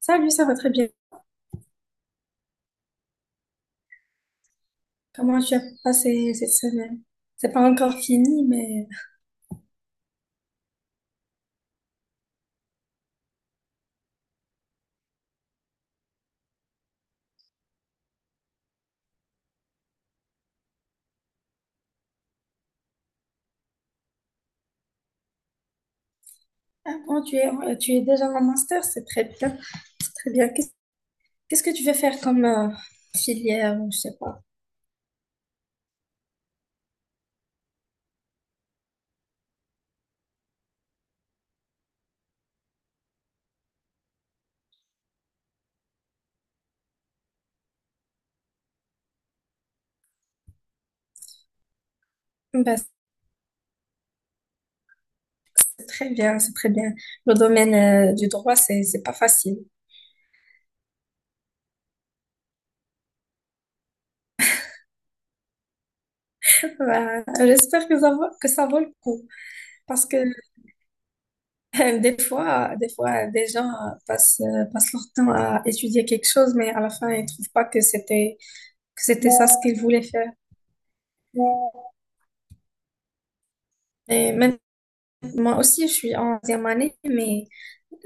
Salut, ça va très bien. Comment tu as passé cette semaine? C'est pas encore fini, mais ah bon, tu es déjà en master, c'est très bien, très bien. Qu'est-ce que tu veux faire comme filière, ou je sais pas. Bah, c'est très bien. Le domaine du droit, c'est pas facile. Bah, j'espère que ça vaut le coup, parce que des fois, des gens euh, passent leur temps à étudier quelque chose, mais à la fin, ils trouvent pas que c'était ça ce qu'ils voulaient faire. Et même Moi aussi, je suis en deuxième année, mais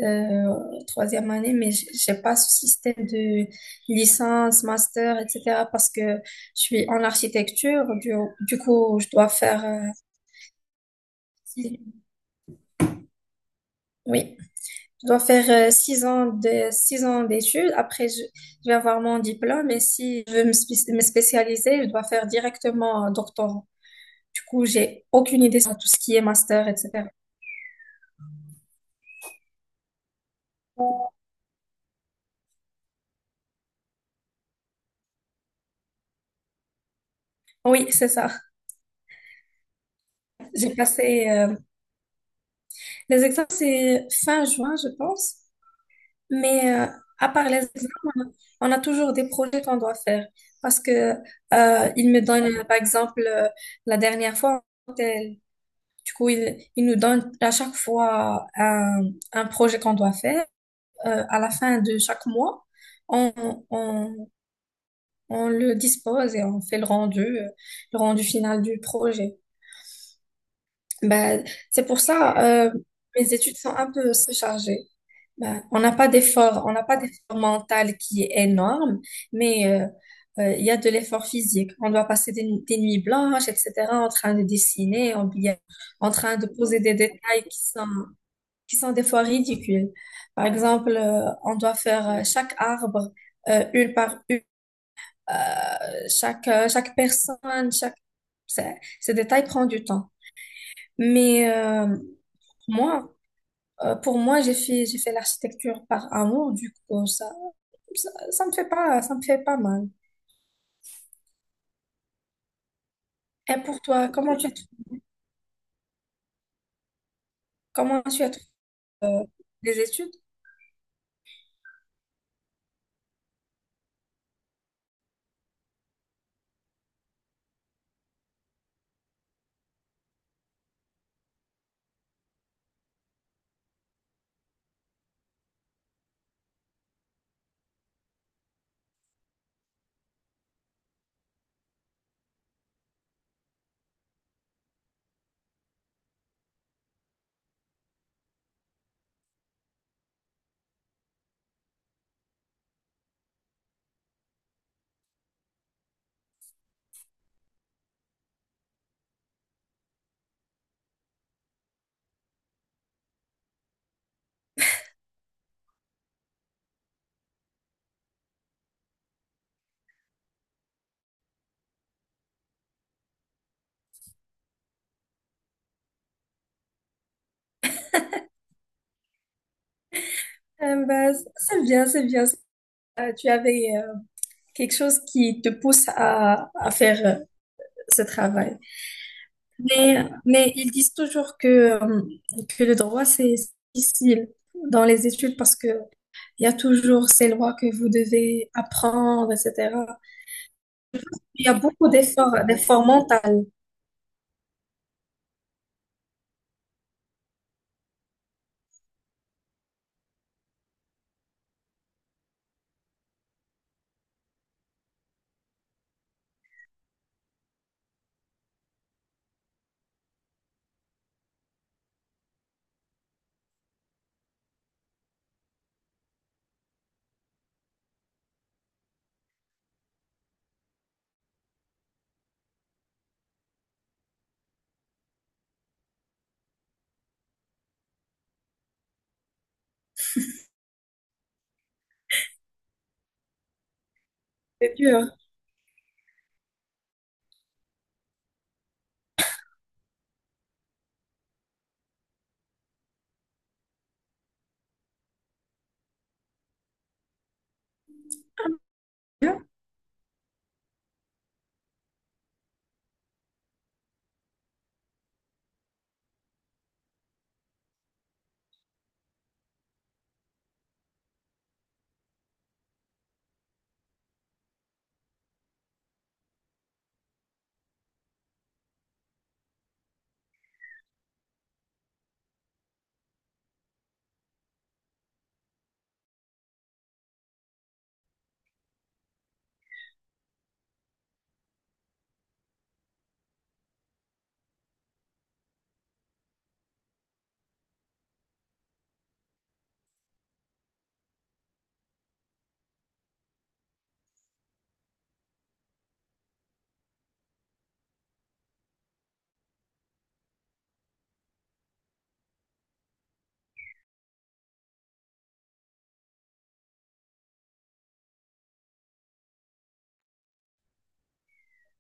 euh, troisième année, mais j'ai pas ce système de licence, master, etc. parce que je suis en architecture. Du coup, je dois faire, six- oui, 6 ans d'études. Après, je vais avoir mon diplôme. Et si je veux me spécialiser, je dois faire directement un doctorat. Du coup, j'ai aucune idée sur tout ce qui est master, etc. Oui, c'est ça. J'ai passé Les examens, c'est fin juin, je pense. Mais à part les examens, on a toujours des projets qu'on doit faire. Parce que ils me donne par exemple, la dernière fois, elle- du coup, ils il nous donne à chaque fois un projet qu'on doit faire. À la fin de chaque mois, on, on, on le dispose et on fait le rendu final du projet. Ben, c'est pour ça, mes études sont un peu surchargées. Ben, on n'a pas d'effort mental qui est énorme, mais il y a de l'effort physique. On doit passer des nuits blanches, etc., en train de dessiner, en train de poser des détails qui sont des fois ridicules. Par exemple, on doit faire chaque arbre, une par une, euh, chaque personne, chaque... Ces détails prennent du temps. Mais moi, pour moi, j'ai fait l'architecture par amour, du coup, ça. Ça me fait pas, ça me fait pas mal. Et pour toi, comment tu as trouvé euh, les études? Ben, c'est bien. Tu avais quelque chose qui te pousse à faire ce travail. Mais ils disent toujours que le droit, c'est difficile dans les études parce que il y a toujours ces lois que vous devez apprendre, etc. Il y a beaucoup d'efforts mentaux. C'est dur.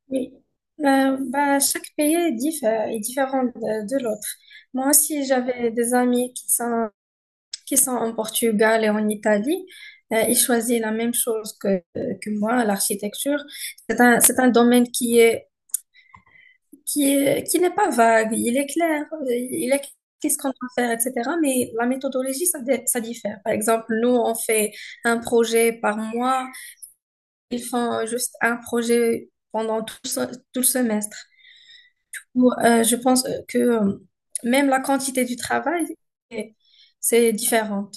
Oui, bah, chaque pays est, est différent de l'autre. Moi aussi, j'avais des amis qui sont en Portugal et en Italie. Ils choisissent la même chose que moi, l'architecture. C'est un domaine qui n'est pas vague, il est clair, il est qu'est-ce qu'on doit faire, etc. Mais la méthodologie, ça diffère. Par exemple, nous, on fait un projet par mois. Ils font juste un projet pendant tout le semestre. Ou je pense que même la quantité du travail, c'est c'est différente.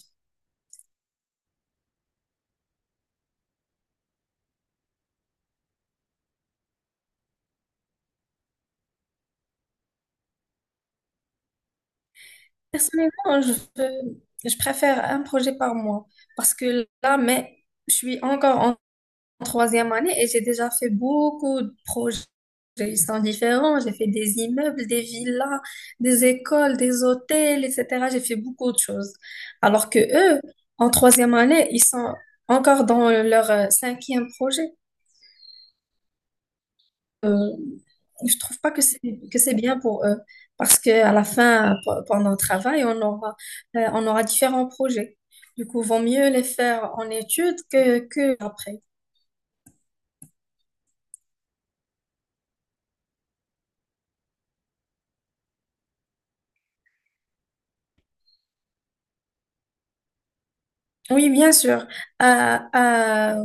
Personnellement, je préfère un projet par mois parce que là, mais je suis encore en troisième année et j'ai déjà fait beaucoup de projets. Ils sont différents. J'ai fait des immeubles, des villas, des écoles, des hôtels, etc. J'ai fait beaucoup de choses. Alors que eux, en troisième année, ils sont encore dans leur cinquième projet. Euh, je trouve pas que c'est bien pour eux parce que à la fin pendant le travail on aura différents projets du coup vaut mieux les faire en études que après. Oui, bien sûr. Euh, euh,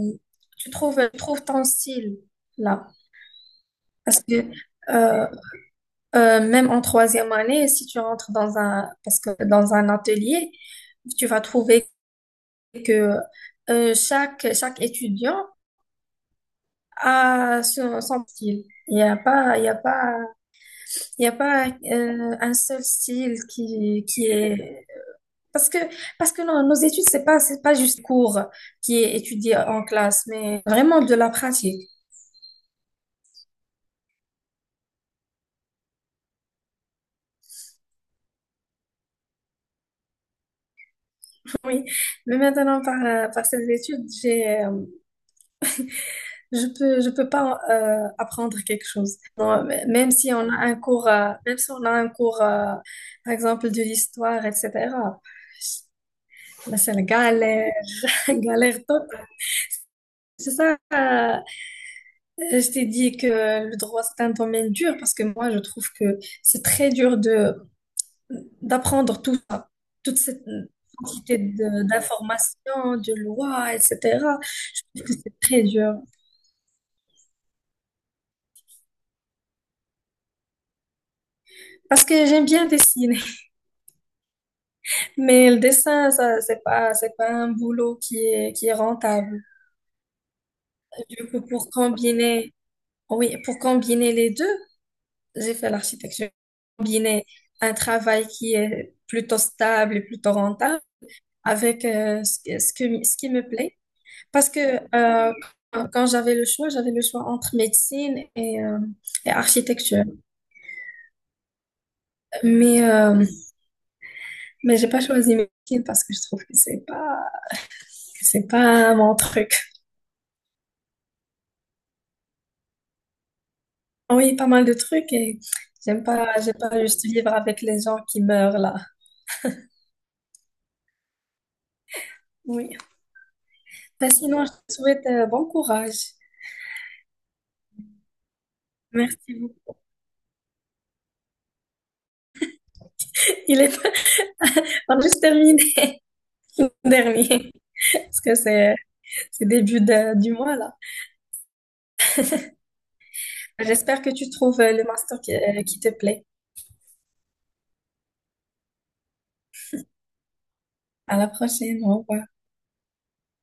tu trouves ton style là parce que euh, même en troisième année si tu rentres dans un atelier tu vas trouver que chaque étudiant son style. Il n'y a pas, il y a pas, il y a pas un seul style qui est... Parce que, parce que non, nos études, c'est pas juste cours qui est étudié en classe, mais vraiment de la pratique. Oui. Mais maintenant, par ces études, je peux pas apprendre quelque chose. Moi, m- même si on a un cours, même si on a un cours, par exemple, de l'histoire, etc., mais c'est la galère, galère totale. C'est ça, je t'ai dit que le droit, c'est un domaine dur parce que moi, je trouve que c'est très dur de d'apprendre tout ça, toute cette quantité d'informations, de lois, etc. Je trouve que c'est très dur. Parce que j'aime bien dessiner, mais le dessin, ça, c'est pas un boulot qui est rentable. Du coup, pour combiner, oui, pour combiner les deux, j'ai fait l'architecture. Combiner un travail qui est plutôt stable et plutôt rentable avec ce qui me plaît. Parce que euh, quand j'avais le choix entre médecine et architecture. Mais, euh, mais j'ai pas choisi médecine parce que je trouve que c'est pas mon truc. Ah oui, pas mal de trucs et j'aime pas juste vivre avec les gens qui meurent là. Oui. Ben, sinon, je te souhaite bon courage. Merci beaucoup. Il est on a juste terminé. Le dernier, parce que c'est début du mois là. J'espère que tu trouves le master qui qui te plaît. À la prochaine. Au revoir.